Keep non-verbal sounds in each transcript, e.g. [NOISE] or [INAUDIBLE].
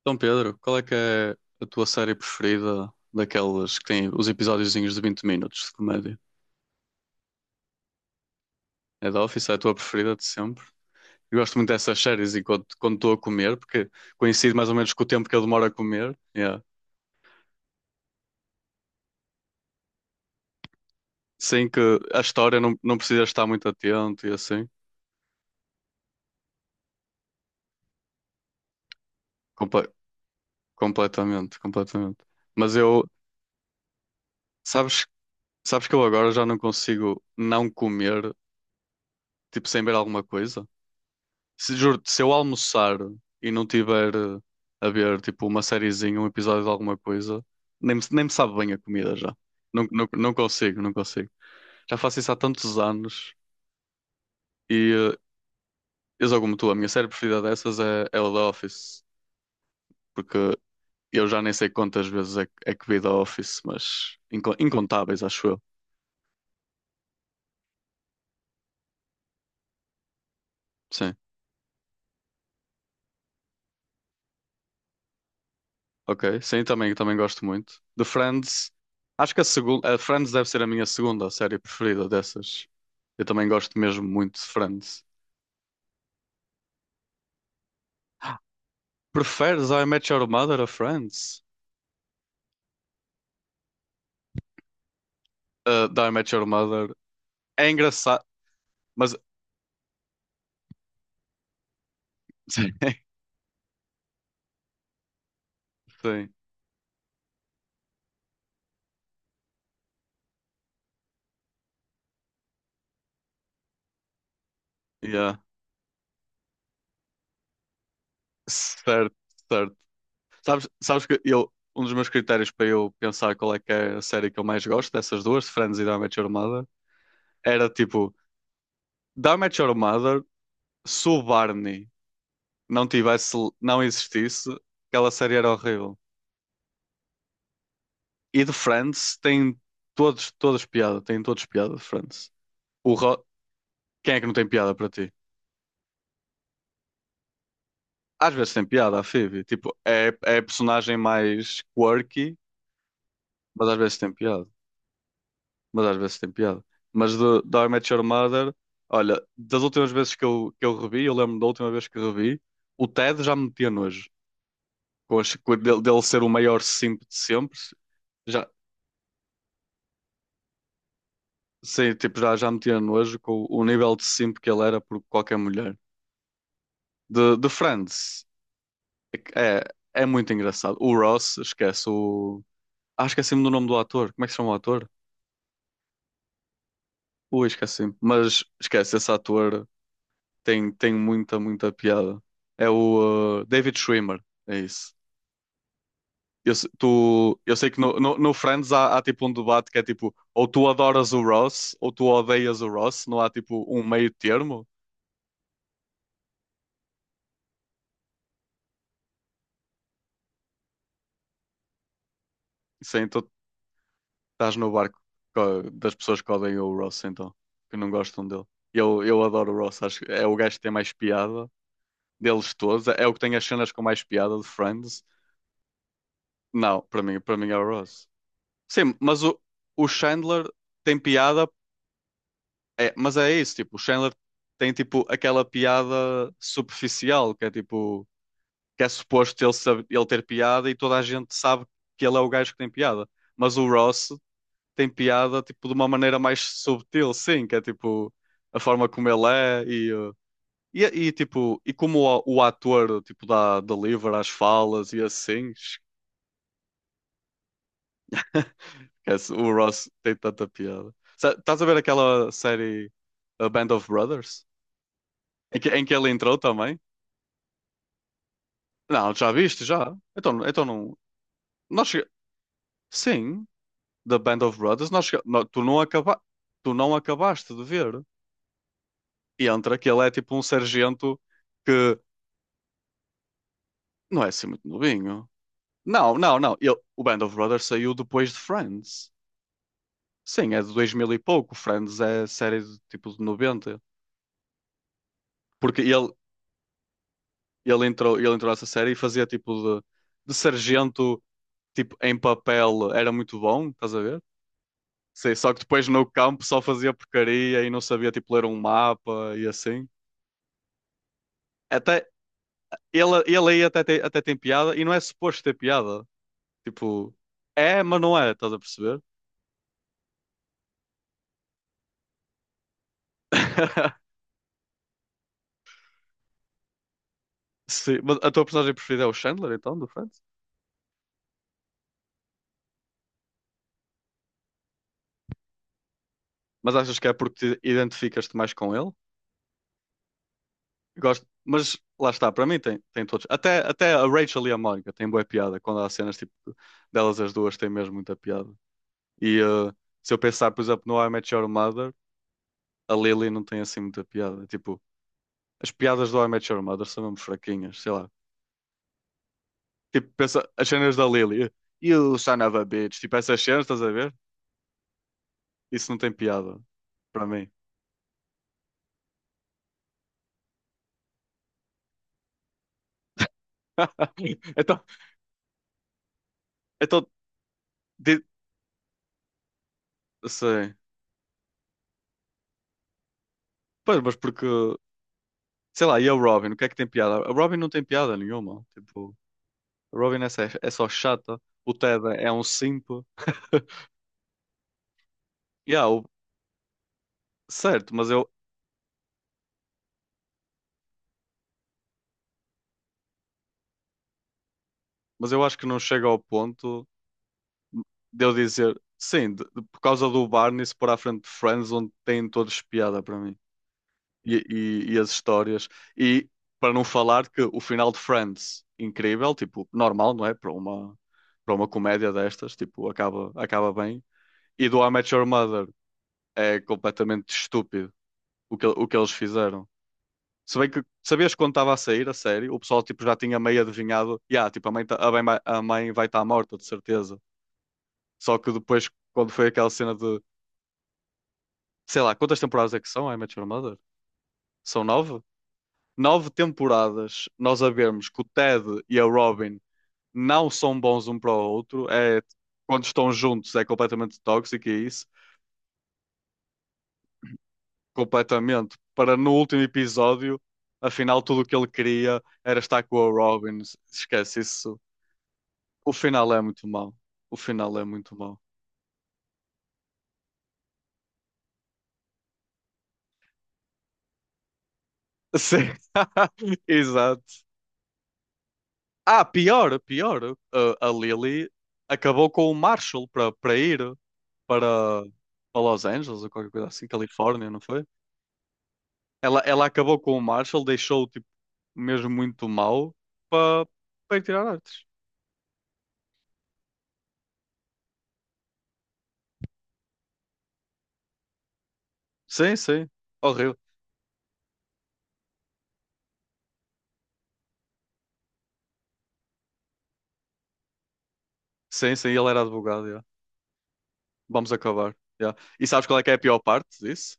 Então, Pedro, qual é que é a tua série preferida daquelas que têm os episódiozinhos de 20 minutos de comédia? É The Office, é a tua preferida de sempre? Eu gosto muito dessas séries enquanto quando estou a comer, porque coincide mais ou menos com o tempo que eu demoro a comer. Yeah. Sem que a história não precisa estar muito atento e assim. Comple- Completamente, completamente. Mas eu, sabes, sabes que eu agora já não consigo não comer, tipo, sem ver alguma coisa? Se, juro se eu almoçar e não tiver a ver tipo uma sériezinha, um episódio de alguma coisa, nem me sabe bem a comida já. Não, não, não consigo. Já faço isso há tantos anos e eu sou como tu, a minha série preferida dessas é o The Office, porque eu já nem sei quantas vezes é que vi The Office, mas incontáveis, acho eu. Sim. Ok, sim, também gosto muito. De Friends, acho que a segunda, a Friends deve ser a minha segunda série preferida dessas. Eu também gosto mesmo muito de Friends. Preferes I Met Your Mother a Friends? De I Met Your Mother é engraçado, mas [LAUGHS] sim, sim, yeah. Certo, certo. Sabes que eu, um dos meus critérios para eu pensar qual é que é a série que eu mais gosto dessas duas, de Friends e de I Met Your Mother, era tipo, de I Met Your Mother, sou Barney. Não tivesse, não existisse, aquela série era horrível. E de Friends tem todos, todos piada, tem todos piada de Friends. O Ro- Quem é que não tem piada para ti? Às vezes tem piada, a Phoebe. Tipo, é a personagem mais quirky, mas às vezes tem piada. Mas às vezes tem piada. Mas do I Met Your Mother, olha, das últimas vezes que eu revi, eu lembro da última vez que revi, o Ted já me metia nojo. Com, dele, dele ser o maior simp de sempre, já, Sim, tipo, já, já me tinha nojo com o, nível de simp que ele era por qualquer mulher. De Friends, é, é muito engraçado. O Ross, esquece, o... Ah, esqueci-me do nome do ator. Como é que se chama o ator? Ui, esqueci-me. Mas, esquece, esse ator tem, tem muita piada. É o David Schwimmer, é isso. Eu, tu, eu sei que no Friends há, há tipo um debate que é tipo, ou tu adoras o Ross, ou tu odeias o Ross, não há tipo um meio termo. Sim, Estás no barco das pessoas que odeiam o Ross, então, que não gostam dele. Eu adoro o Ross, acho que é o gajo que tem mais piada deles todos, é o que tem as cenas com mais piada de Friends. Não, para mim é o Ross. Sim, mas o Chandler tem piada, é, mas é isso, tipo, o Chandler tem tipo aquela piada superficial, que é tipo, que é suposto ele, saber, ele ter piada e toda a gente sabe que ele é o gajo que tem piada. Mas o Ross. Tem piada, tipo, de uma maneira mais subtil, sim, que é tipo a forma como ele é e e, tipo, e como o ator, tipo, dá deliver as falas e assim. [LAUGHS] Esquece, o Ross tem tanta piada. Estás a ver aquela série A Band of Brothers? Em que ele entrou também? Não, já viste, já. Então, então não. Nós chega- Sim, da Band of Brothers, tu, não acaba... tu não acabaste de ver. E entra que ele é tipo um sargento que Não é assim muito novinho. Não, não, não. O Band of Brothers saiu depois de Friends. Sim, é de 2000 e pouco. Friends é série de, tipo de 90. Porque ele, ele entrou nessa série e fazia tipo de sargento, tipo em papel, era muito bom, estás a ver? Sim, só que depois no campo só fazia porcaria e não sabia tipo ler um mapa e assim. Até ele, ele aí até tem piada e não é suposto ter piada. Tipo, é, mas não é, estás a perceber? [LAUGHS] Sim, mas a tua personagem preferida é o Chandler, então, do Friends? Mas achas que é porque te identificas-te mais com ele? Gosto, mas lá está, para mim tem, tem todos. Até, até a Rachel e a Mónica têm boa piada, quando há cenas tipo delas as duas têm mesmo muita piada. E eh, Se eu pensar, por exemplo, no How I Met Your Mother, a Lily não tem assim muita piada. Tipo, as piadas do How I Met Your Mother são mesmo fraquinhas, sei lá. Tipo, pensa, as cenas da Lily, You son of a bitch, tipo essas cenas, estás a ver? Isso não tem piada, para mim. [LAUGHS] Então, então Sei. Pois, mas porque, sei lá, e a Robin, o que é que tem piada? A Robin não tem piada nenhuma. Tipo, a Robin é, é só chata. O Ted é um simp. [LAUGHS] Yeah, certo, mas eu acho que não chega ao ponto de eu dizer, sim, por causa do Barney se pôr à frente de Friends, onde têm todos piada para mim. E as histórias. E para não falar que o final de Friends, incrível, tipo, normal, não é? Para uma comédia destas, tipo, acaba, acaba bem. E do I Met Your Mother é completamente estúpido o que eles fizeram. Se bem que sabias quando estava a sair a série, o pessoal tipo, já tinha meio adivinhado, yeah, tipo, a mãe, a mãe vai estar morta, de certeza. Só que depois, quando foi aquela cena de, sei lá, quantas temporadas é que são, I Met Your Mother? São nove? Nove temporadas nós a vermos que o Ted e a Robin não são bons um para o outro, é, quando estão juntos é completamente tóxico e é isso. Completamente para no último episódio, afinal, tudo o que ele queria era estar com a Robin. Esquece isso. O final é muito mau. O final é muito mau. Sim, [LAUGHS] exato. Ah, pior, pior. A Lily acabou com o Marshall para para, para Los Angeles ou qualquer coisa assim, Califórnia, não foi? Ela acabou com o Marshall, deixou-o tipo, mesmo muito mau para para ir tirar artes. Sim, sim. Horrível. Sim, sim, ele era advogado. Yeah. Vamos acabar. Yeah. E sabes qual é que é a pior parte disso?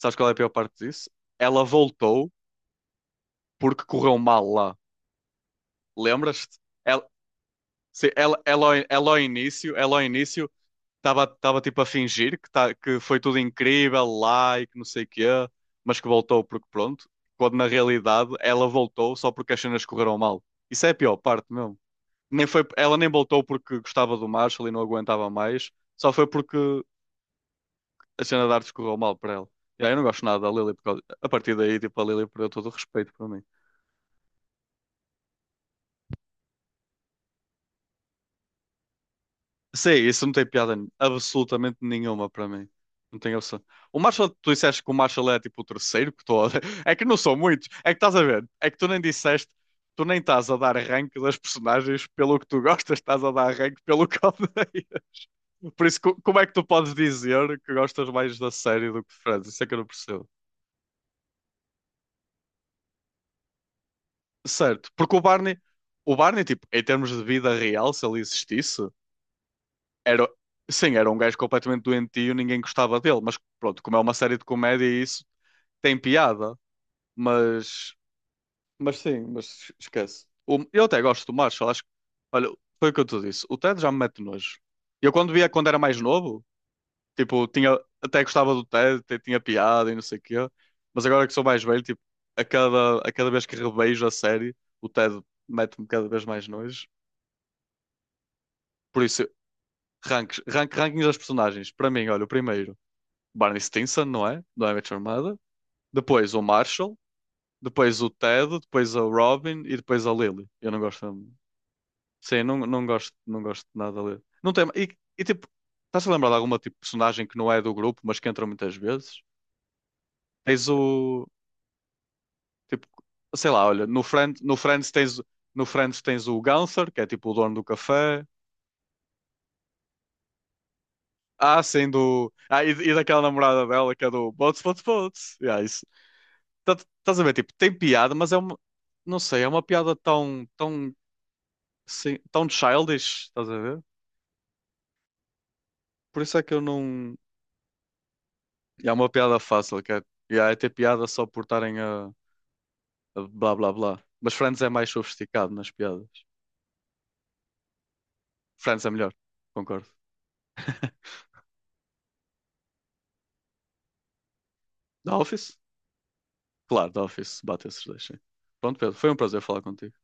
Sabes qual é a pior parte disso? Ela voltou porque correu mal lá. Lembras-te? Ela, sim, ela, ao- in- ela ao início estava estava tipo a fingir que, tá, que foi tudo incrível lá e que não sei o quê, mas que voltou porque pronto. Quando na realidade ela voltou só porque as cenas correram mal. Isso é a pior parte mesmo. Nem foi, ela nem voltou porque gostava do Marshall e não aguentava mais. Só foi porque a cena de artes correu mal para ela. Yeah, eu não gosto nada da Lily, porque a partir daí, tipo, a Lily perdeu todo o respeito para mim. Sim, isso não tem piada absolutamente nenhuma para mim. Não tem opção. O Marshall, tu disseste que o Marshall é tipo o terceiro que estou a... [LAUGHS] É que não são muitos. É que estás a ver? É que tu nem disseste, tu nem estás a dar rank das personagens pelo que tu gostas, estás a dar rank pelo que odeias. Por isso, como é que tu podes dizer que gostas mais da série do que de Friends? Isso é que eu não percebo. Certo, porque o Barney, tipo, em termos de vida real, se ele existisse, era, sim, era um gajo completamente doentio, ninguém gostava dele, mas pronto, como é uma série de comédia, isso tem piada, mas, mas sim, mas esquece. Eu até gosto do Marshall, acho que, olha, foi o que eu te disse, o Ted já me mete nojo. Eu quando via quando era mais novo, tipo, tinha, até gostava do Ted, até tinha piada e não sei o quê, mas agora que sou mais velho, tipo, a cada vez que revejo a série, o Ted mete-me cada vez mais nojo. Por isso, ranks, rank, rankings das personagens. Para mim, olha, o primeiro, Barney Stinson, não é? Do I Met Your Mother. Depois o Marshall, depois o Ted, depois o Robin e depois a Lily. Eu não gosto. Sim, não, não gosto, não gosto de nada dele. Não tem, e tipo, estás a lembrar de alguma tipo, personagem que não é do grupo, mas que entra muitas vezes? Tens o. Tipo, sei lá, olha, no Friends tens. No Friends tens o Gunther, que é tipo o dono do café. Ah, sim, do. Ah, e daquela namorada dela que é do Bots, Bots, Bots. Yeah, isso. tá- Estás a ver, tipo, tem piada, mas é uma, não sei, é uma piada tão, tão, assim, tão childish, estás a ver? Por isso é que eu não, é uma piada fácil, que é, yeah, é ter piada só por estarem a blá blá blá. Mas Friends é mais sofisticado nas piadas. Friends é melhor, concordo. The Office? Claro, The Office, bate esses dois, sim. Pronto, Pedro, foi um prazer falar contigo.